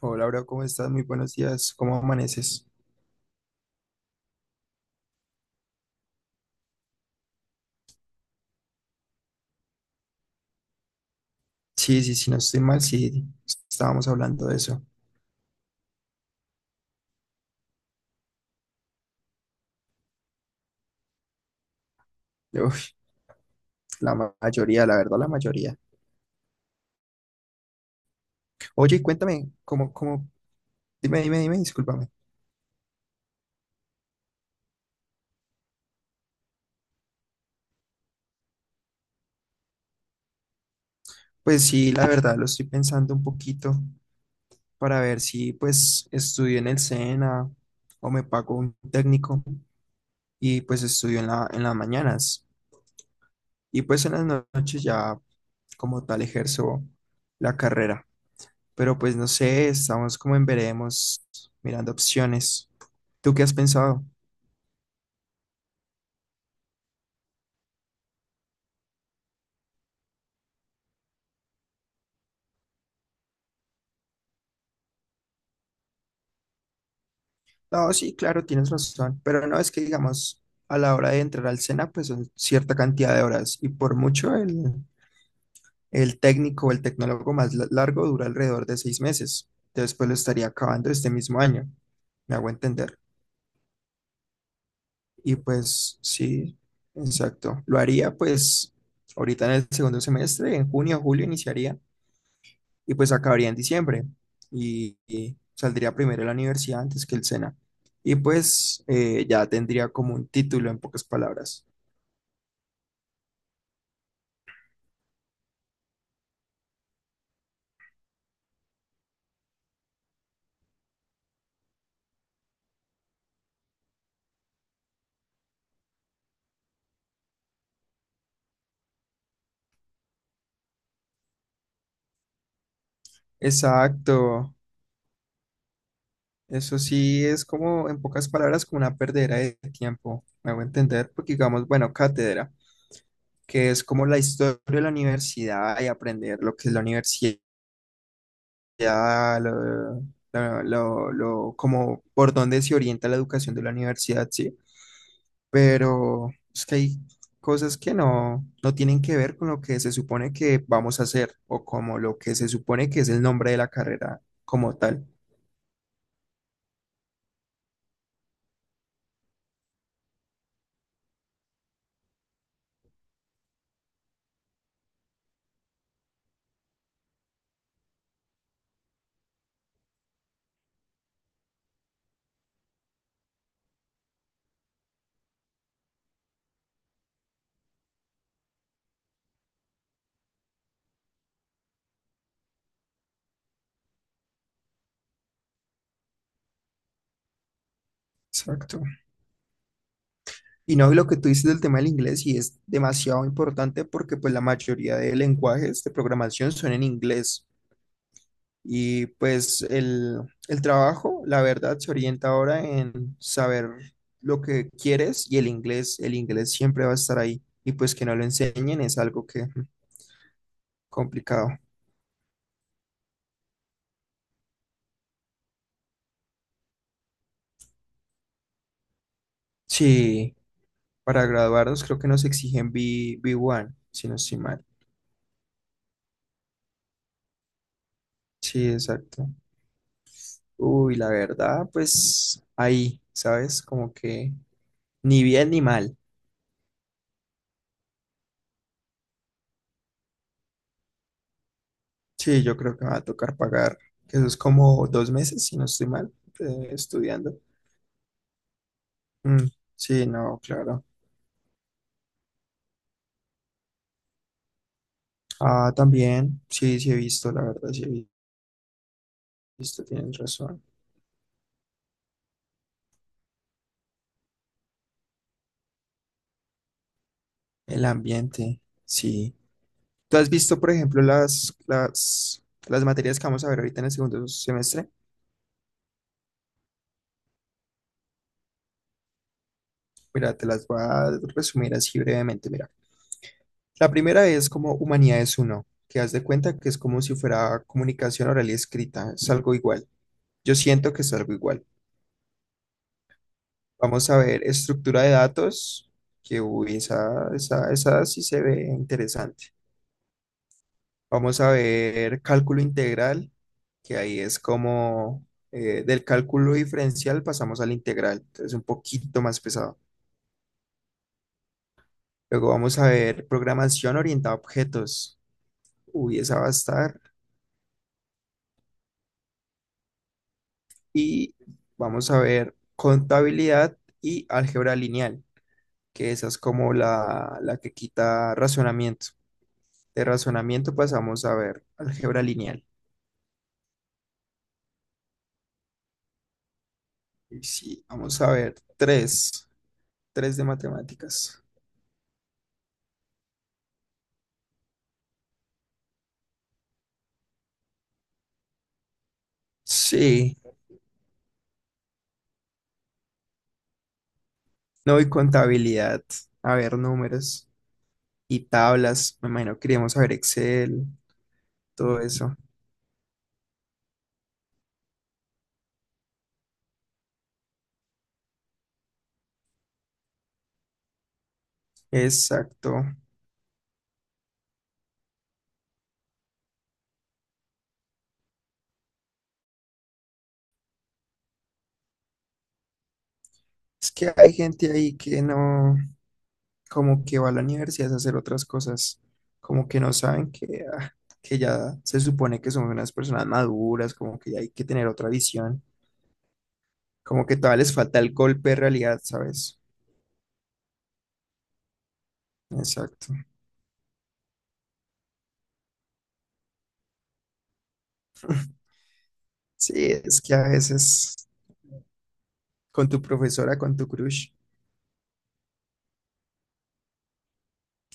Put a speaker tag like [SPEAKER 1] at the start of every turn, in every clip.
[SPEAKER 1] Hola, bro, ¿cómo estás? Muy buenos días. ¿Cómo amaneces? Sí, sí, sí, no estoy mal, sí, estábamos hablando de eso. Uf, mayoría, la verdad, la mayoría. Oye, cuéntame, ¿cómo? Dime, dime, dime, discúlpame. Pues sí, la verdad, lo estoy pensando un poquito para ver si, pues, estudio en el SENA o me pago un técnico y, pues, estudio en las mañanas. Y, pues, en las noches ya, como tal, ejerzo la carrera. Pero pues no sé, estamos como en veremos, mirando opciones. ¿Tú qué has pensado? No, sí, claro, tienes razón, pero no es que digamos, a la hora de entrar al SENA, pues son cierta cantidad de horas y por mucho el técnico o el tecnólogo largo dura alrededor de 6 meses. Entonces, pues lo estaría acabando este mismo año, me hago entender. Y pues sí, exacto. Lo haría pues ahorita en el segundo semestre, en junio o julio iniciaría y pues acabaría en diciembre y saldría primero de la universidad antes que el SENA. Y pues ya tendría como un título en pocas palabras. Exacto. Eso sí es como, en pocas palabras, como una perdera de tiempo. Me hago entender, porque digamos, bueno, cátedra, que es como la historia de la universidad y aprender lo que es la universidad, lo, como por dónde se orienta la educación de la universidad, sí, pero es que hay cosas que no, no tienen que ver con lo que se supone que vamos a hacer o como lo que se supone que es el nombre de la carrera como tal. Exacto. Y no, y lo que tú dices del tema del inglés, y es demasiado importante porque pues la mayoría de lenguajes de programación son en inglés. Y pues el trabajo, la verdad, se orienta ahora en saber lo que quieres y el inglés siempre va a estar ahí. Y pues que no lo enseñen es algo que mm, complicado. Sí, para graduarnos creo que nos exigen B1, si no estoy mal. Sí, exacto. Uy, la verdad, pues ahí, ¿sabes? Como que ni bien ni mal. Sí, yo creo que me va a tocar pagar, que eso es como 2 meses, si no estoy mal, estudiando. Mm, sí, no, claro. Ah, también, sí, sí he visto, la verdad, sí he visto, tienes razón. El ambiente, sí. ¿Tú has visto, por ejemplo, las materias que vamos a ver ahorita en el segundo semestre? Mira, te las voy a resumir así brevemente. Mira, la primera es como Humanidades uno, que haz de cuenta que es como si fuera comunicación oral y escrita, es algo igual. Yo siento que es algo igual. Vamos a ver estructura de datos, que uy, esa sí se ve interesante. Vamos a ver cálculo integral, que ahí es como del cálculo diferencial pasamos al integral, entonces un poquito más pesado. Luego vamos a ver programación orientada a objetos. Uy, esa va a estar, y vamos a ver contabilidad y álgebra lineal, que esa es como la que quita razonamiento. De razonamiento pasamos a ver álgebra lineal. Y sí, vamos a ver tres, tres de matemáticas. Sí, no, y contabilidad, a ver números y tablas, me imagino que queríamos saber Excel, todo eso. Exacto. Es que hay gente ahí que no, como que va a la universidad a hacer otras cosas, como que no saben que, que ya se supone que son unas personas maduras, como que ya hay que tener otra visión, como que todavía les falta el golpe de realidad, ¿sabes? Exacto. Sí, es que a veces con tu profesora, con tu crush.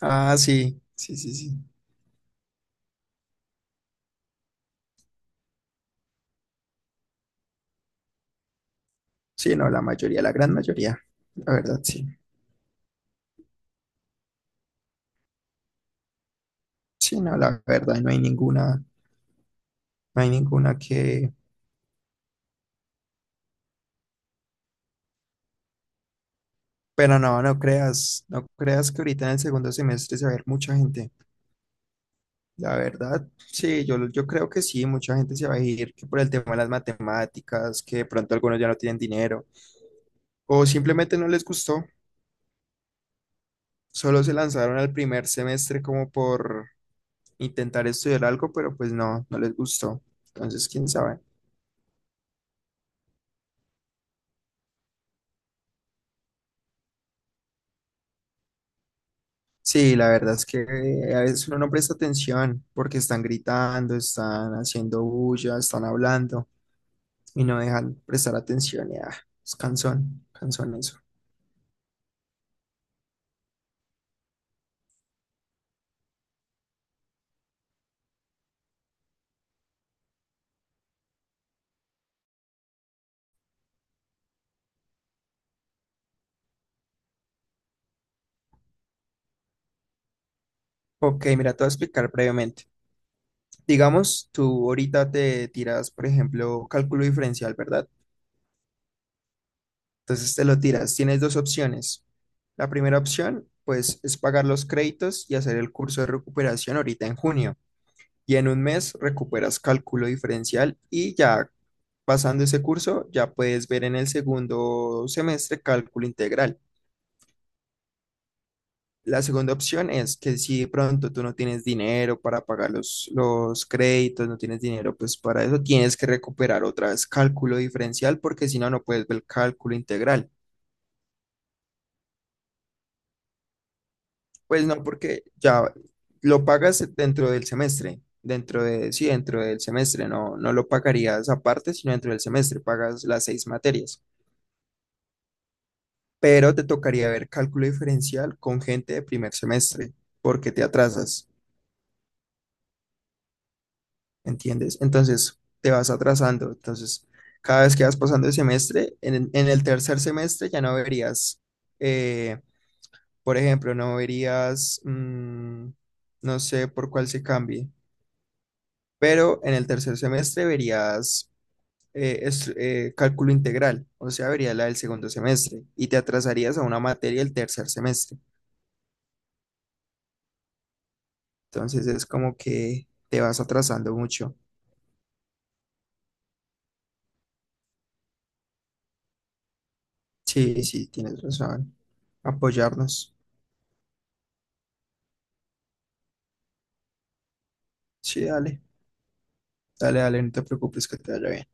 [SPEAKER 1] Ah, sí, sí, sí, sí. Sí, no, la mayoría, la gran mayoría, la verdad, sí. Sí, no, la verdad, no hay ninguna, no hay ninguna que... Pero no, no creas, no creas que ahorita en el segundo semestre se va a ver mucha gente. La verdad, sí, yo creo que sí, mucha gente se va a ir que por el tema de las matemáticas, que de pronto algunos ya no tienen dinero, o simplemente no les gustó, solo se lanzaron al primer semestre como por intentar estudiar algo, pero pues no, no les gustó. Entonces, quién sabe. Sí, la verdad es que a veces uno no presta atención porque están gritando, están haciendo bulla, están hablando y no dejan prestar atención. Ya, es cansón, cansón eso. Ok, mira, te voy a explicar brevemente. Digamos, tú ahorita te tiras, por ejemplo, cálculo diferencial, ¿verdad? Entonces te lo tiras. Tienes dos opciones. La primera opción, pues, es pagar los créditos y hacer el curso de recuperación ahorita en junio. Y en un mes recuperas cálculo diferencial y ya pasando ese curso, ya puedes ver en el segundo semestre cálculo integral. La segunda opción es que si de pronto tú no tienes dinero para pagar los créditos, no tienes dinero, pues para eso tienes que recuperar otra vez cálculo diferencial porque si no, no puedes ver cálculo integral. Pues no, porque ya lo pagas dentro del semestre, dentro de, sí, dentro del semestre, no, no lo pagarías aparte, sino dentro del semestre, pagas las seis materias. Pero te tocaría ver cálculo diferencial con gente de primer semestre porque te atrasas. ¿Entiendes? Entonces te vas atrasando. Entonces, cada vez que vas pasando el semestre, en el tercer semestre ya no verías, eh, por ejemplo, no verías, mm, no sé por cuál se cambie, pero en el tercer semestre verías cálculo integral, o sea, verías la del segundo semestre y te atrasarías a una materia el tercer semestre. Entonces es como que te vas atrasando mucho. Sí, sí, tienes razón. Apoyarnos. Sí, dale. Dale, dale, no te preocupes, que te vaya bien.